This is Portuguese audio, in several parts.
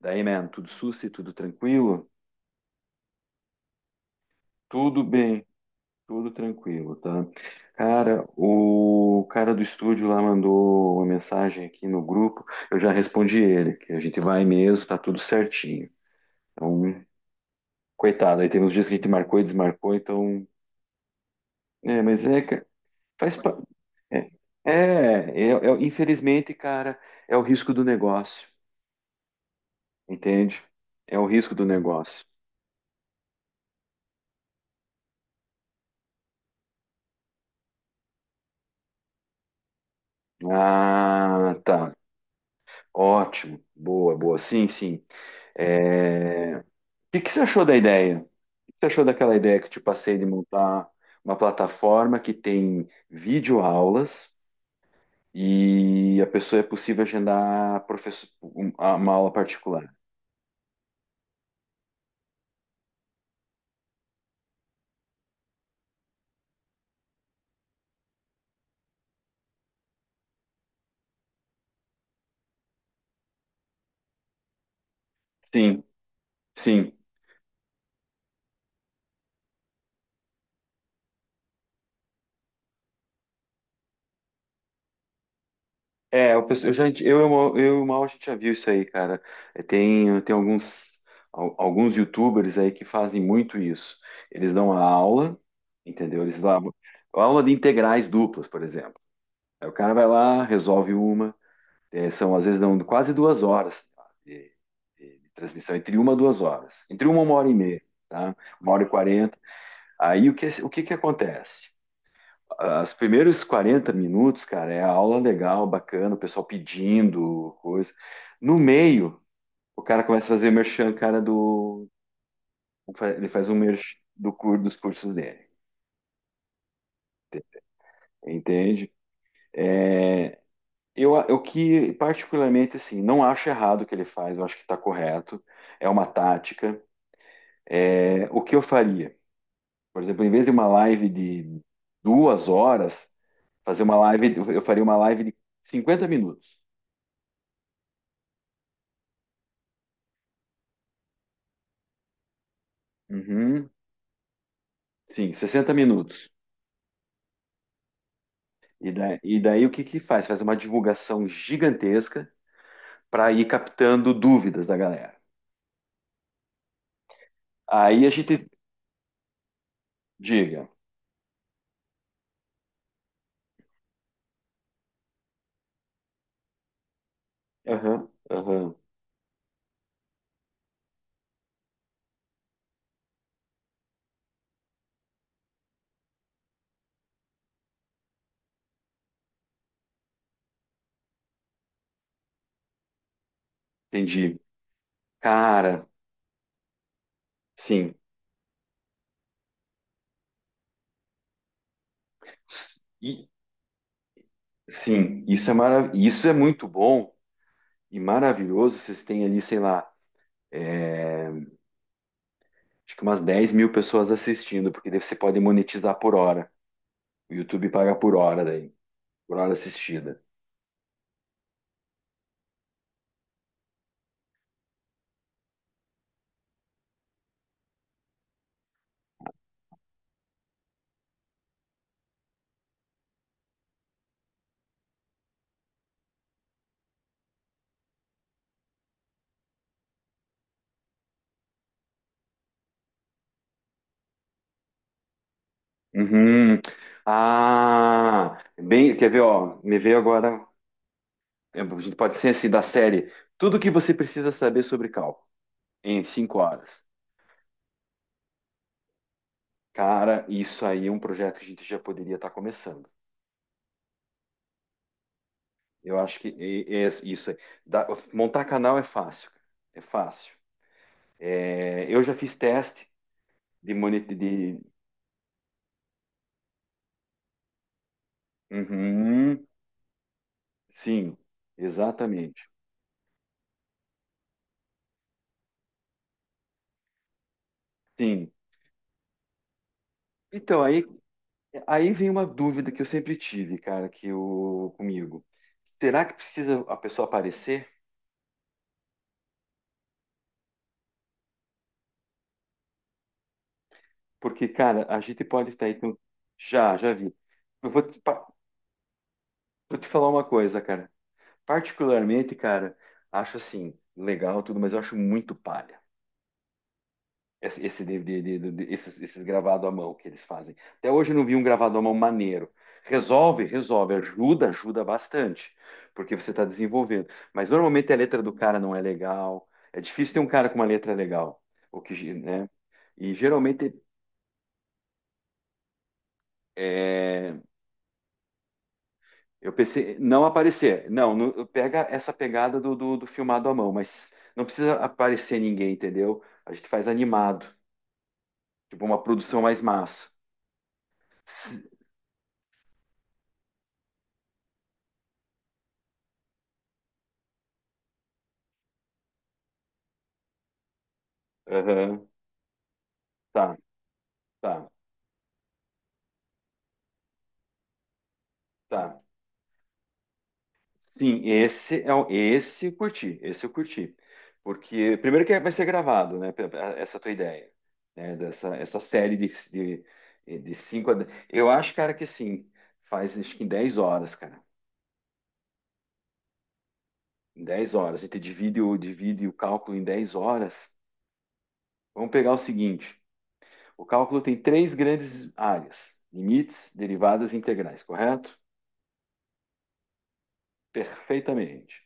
Daí, man, tudo sussa, tudo tranquilo? Tudo bem, tudo tranquilo, tá? Cara, o cara do estúdio lá mandou uma mensagem aqui no grupo, eu já respondi ele, que a gente vai mesmo, tá tudo certinho. Então, coitado, aí tem uns dias que a gente marcou e desmarcou, então. É, mas é, ca- faz. Pa- É, é, é, é- é, Infelizmente, cara, é o risco do negócio, entende? É o risco do negócio. Ah, tá. Ótimo, boa, boa. Sim, sim. O que que você achou da ideia? O que que você achou daquela ideia que eu te passei de montar uma plataforma que tem videoaulas e a pessoa é possível agendar uma aula particular? Sim, sim. Eu, penso- eu já, eu, eu, e o Mal, a gente já viu isso aí, cara. Tem alguns YouTubers aí que fazem muito isso. Eles dão a aula, entendeu? Eles dão a aula de integrais duplas, por exemplo. Aí o cara vai lá, resolve uma. São, às vezes, não, quase duas horas tá, de, de transmissão, entre uma e duas horas. Entre uma hora e meia, tá? Uma hora e quarenta. Aí, o que que acontece? Ah, os primeiros 40 minutos, cara, é a aula legal, bacana, o pessoal pedindo coisa. No meio, o cara começa a fazer merchan, cara, Ele faz um merchan dos cursos dele. Entende? É, eu que, particularmente, assim, não acho errado o que ele faz, eu acho que está correto, é uma tática. O que eu faria? Por exemplo, em vez de uma live de 2 horas, eu faria uma live de 50 minutos. Uhum, sim, 60 minutos. E daí o que que faz? Faz uma divulgação gigantesca para ir captando dúvidas da galera. Aí a gente diga, aham, aham, entendi. Cara, sim, s- e- sim, isso é muito bom e maravilhoso. Vocês têm ali, sei lá, é, acho que umas 10 mil pessoas assistindo, porque daí você pode monetizar por hora. O YouTube paga por hora daí, por hora assistida. Uhum. Ah, bem, quer ver, ó, me veio agora, a gente pode ser assim, da série, tudo que você precisa saber sobre cálculo em 5 horas. Cara, isso aí é um projeto que a gente já poderia estar começando. Eu acho que é isso aí. Dá- Montar canal é fácil, cara. É fácil. Eu já fiz teste de monetização. Sim, exatamente. Sim. Então, aí vem uma dúvida que eu sempre tive, cara, que o comigo. Será que precisa a pessoa aparecer? Porque, cara, a gente pode estar aí. Já vi. Eu vou te, pa- Vou te falar uma coisa, cara. Particularmente, cara, acho assim, legal tudo, mas eu acho muito palha. Esses gravado à mão que eles fazem. Até hoje eu não vi um gravado à mão maneiro. Resolve, resolve, ajuda, ajuda bastante, porque você está desenvolvendo. Mas normalmente a letra do cara não é legal. É difícil ter um cara com uma letra legal, né? E geralmente é, eu pensei não aparecer. Não, pega essa pegada do filmado à mão, mas não precisa aparecer ninguém, entendeu? A gente faz animado, tipo uma produção mais massa. Se- Aham, tá. Tá. Tá. Sim, esse eu curti, esse eu curti. Porque primeiro que vai ser gravado, né, essa tua ideia, né, dessa essa série de cinco Eu acho, cara, que assim, faz acho que em 10 horas, cara. Em 10 horas, a gente divide o cálculo em 10 horas. Vamos pegar o seguinte, o cálculo tem três grandes áreas: limites, derivadas e integrais, correto? Perfeitamente.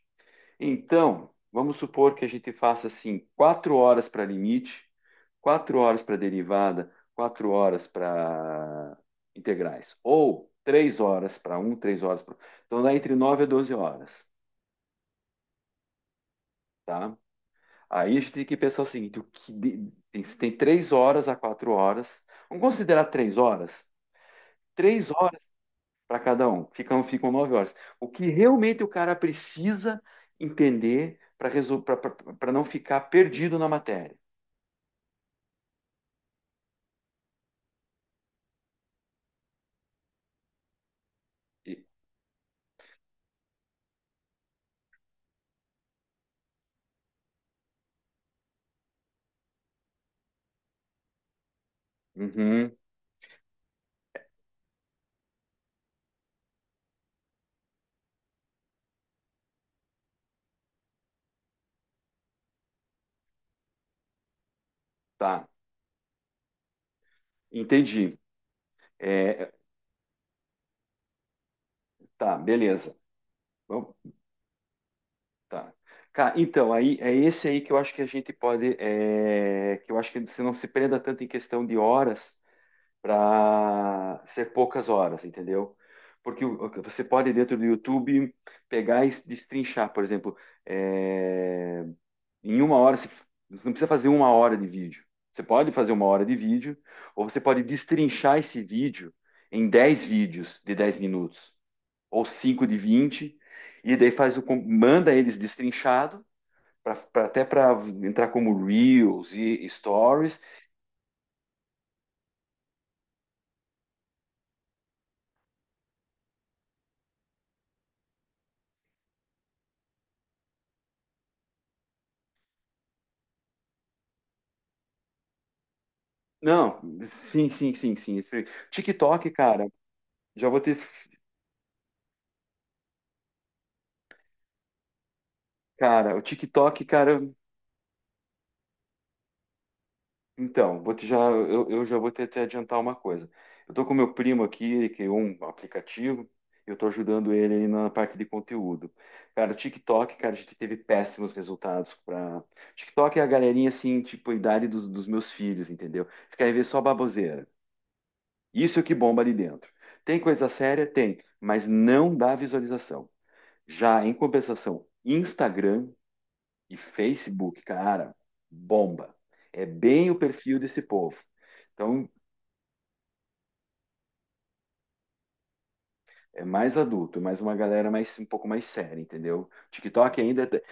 Então, vamos supor que a gente faça assim, 4 horas para limite, 4 horas para derivada, 4 horas para integrais, ou 3 horas para um, 3 horas para. Então dá entre 9 e 12 horas, tá? Aí a gente tem que pensar o seguinte: o que de- tem, tem 3 horas a 4 horas. Vamos considerar 3 horas? 3 horas para cada um, ficam 9 horas. O que realmente o cara precisa entender para para não ficar perdido na matéria. E- Uhum, tá, entendi. É, tá, beleza. Vamos, tá. Cara, então, aí é esse aí que eu acho que a gente pode, que eu acho que você não se prenda tanto em questão de horas para ser poucas horas, entendeu? Porque você pode, dentro do YouTube, pegar e destrinchar, por exemplo, é, em uma hora, você não precisa fazer uma hora de vídeo. Você pode fazer uma hora de vídeo, ou você pode destrinchar esse vídeo em 10 vídeos de 10 minutos, ou 5 de 20, e daí manda eles destrinchado, até para entrar como Reels e Stories. Não, sim, sim, sim, sim. TikTok, cara, já vou ter. Cara, o TikTok, cara, então, vou te já, eu já vou te adiantar uma coisa. Eu estou com meu primo aqui, ele criou um aplicativo, eu estou ajudando ele aí na parte de conteúdo. Cara, o TikTok, cara, a gente teve péssimos resultados para. TikTok é a galerinha assim, tipo, a idade dos meus filhos, entendeu? Eles querem ver só baboseira. Isso é o que bomba ali dentro. Tem coisa séria? Tem, mas não dá visualização. Já em compensação, Instagram e Facebook, cara, bomba. É bem o perfil desse povo. Então, é mais adulto, mais uma galera mais um pouco mais séria, entendeu? TikTok ainda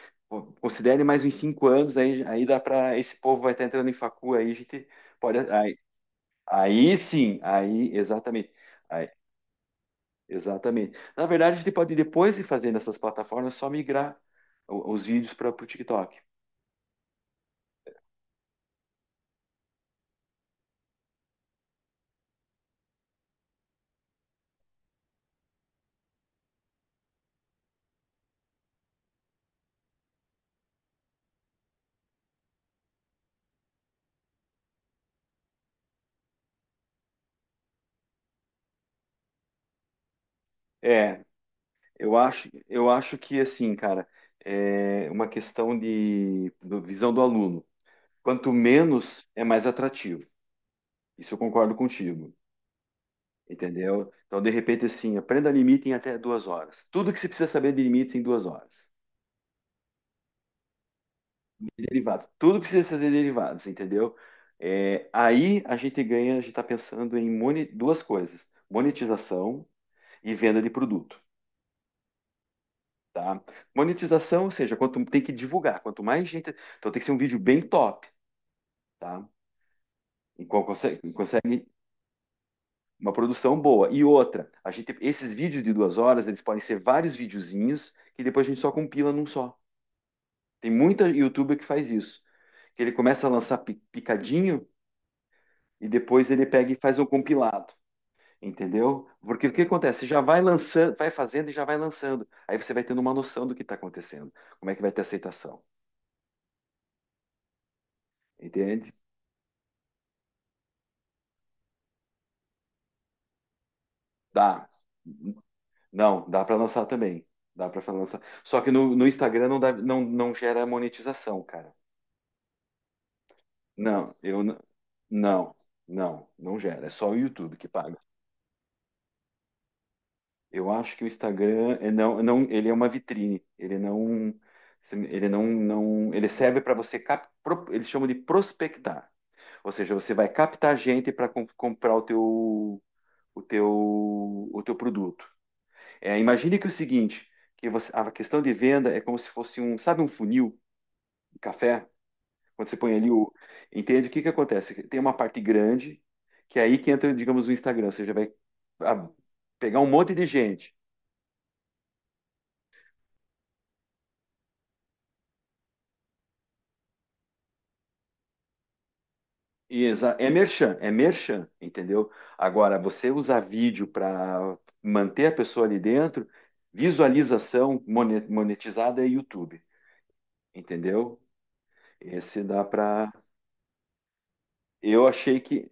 considere mais uns 5 anos, aí dá para esse povo vai estar entrando em facu, aí a gente pode aí, aí sim, aí exatamente, aí, exatamente. Na verdade, a gente pode depois de fazer nessas plataformas só migrar os vídeos para o TikTok. É, eu acho que assim, cara, é uma questão de visão do aluno. Quanto menos é mais atrativo. Isso eu concordo contigo, entendeu? Então, de repente, assim, aprenda limite em até 2 horas. Tudo que você precisa saber de limites em 2 horas. De derivado, tudo precisa ser derivados, entendeu? É, aí a gente ganha, a gente está pensando em duas coisas: monetização e venda de produto. Tá? Monetização, ou seja, quanto tem que divulgar, quanto mais gente. Então tem que ser um vídeo bem top. Tá? E consegue uma produção boa. E outra, a gente, esses vídeos de 2 horas, eles podem ser vários videozinhos que depois a gente só compila num só. Tem muita YouTuber que faz isso, que ele começa a lançar picadinho e depois ele pega e faz um compilado, entendeu? Porque o que acontece? Você já vai lançando, vai fazendo e já vai lançando. Aí você vai tendo uma noção do que está acontecendo, como é que vai ter aceitação, entende? Dá. Não, dá para lançar também. Dá para lançar. Só que no, Instagram não, dá, não, não gera monetização, cara. Não, eu não, não, não gera. É só o YouTube que paga. Eu acho que o Instagram é não, não, ele é uma vitrine. Ele não, não, ele serve para você eles chamam de prospectar. Ou seja, você vai captar gente para comprar o teu produto. Imagine que o seguinte, que você, a questão de venda é como se fosse um, sabe, um funil. Café, quando você põe ali o. Entende o que que acontece? Tem uma parte grande, que é aí que entra, digamos, o Instagram. Você já vai ah, pegar um monte de gente. É merchan, entendeu? Agora, você usar vídeo para manter a pessoa ali dentro, visualização monetizada é YouTube, entendeu? Esse dá para. Eu achei que.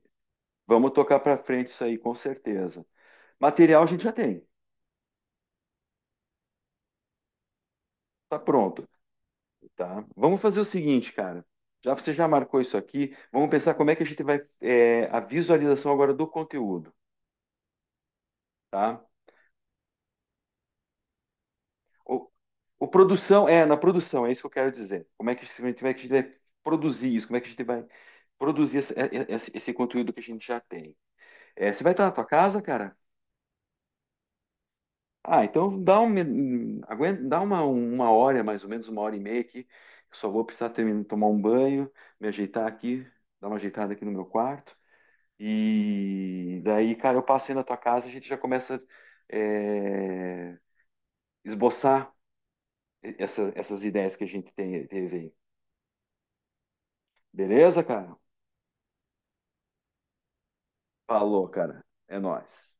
Vamos tocar para frente isso aí, com certeza. Material a gente já tem, tá pronto. Tá? Vamos fazer o seguinte, cara. Já você já marcou isso aqui. Vamos pensar como é que a gente vai é, a visualização agora do conteúdo, tá? O, o produção é na produção, é isso que eu quero dizer. Como é que, se- Como é que a gente vai produzir isso? Como é que a gente vai produzir esse, é, é, esse- esse conteúdo que a gente já tem? Você vai estar na tua casa, cara? Ah, então aguenta, dá uma hora, mais ou menos uma hora e meia aqui. Eu só vou precisar terminar, tomar um banho, me ajeitar aqui, dar uma ajeitada aqui no meu quarto. E daí, cara, eu passei na tua casa, a gente já começa é, esboçar essas ideias que a gente tem, teve aí. Beleza, cara? Falou, cara. É nóis.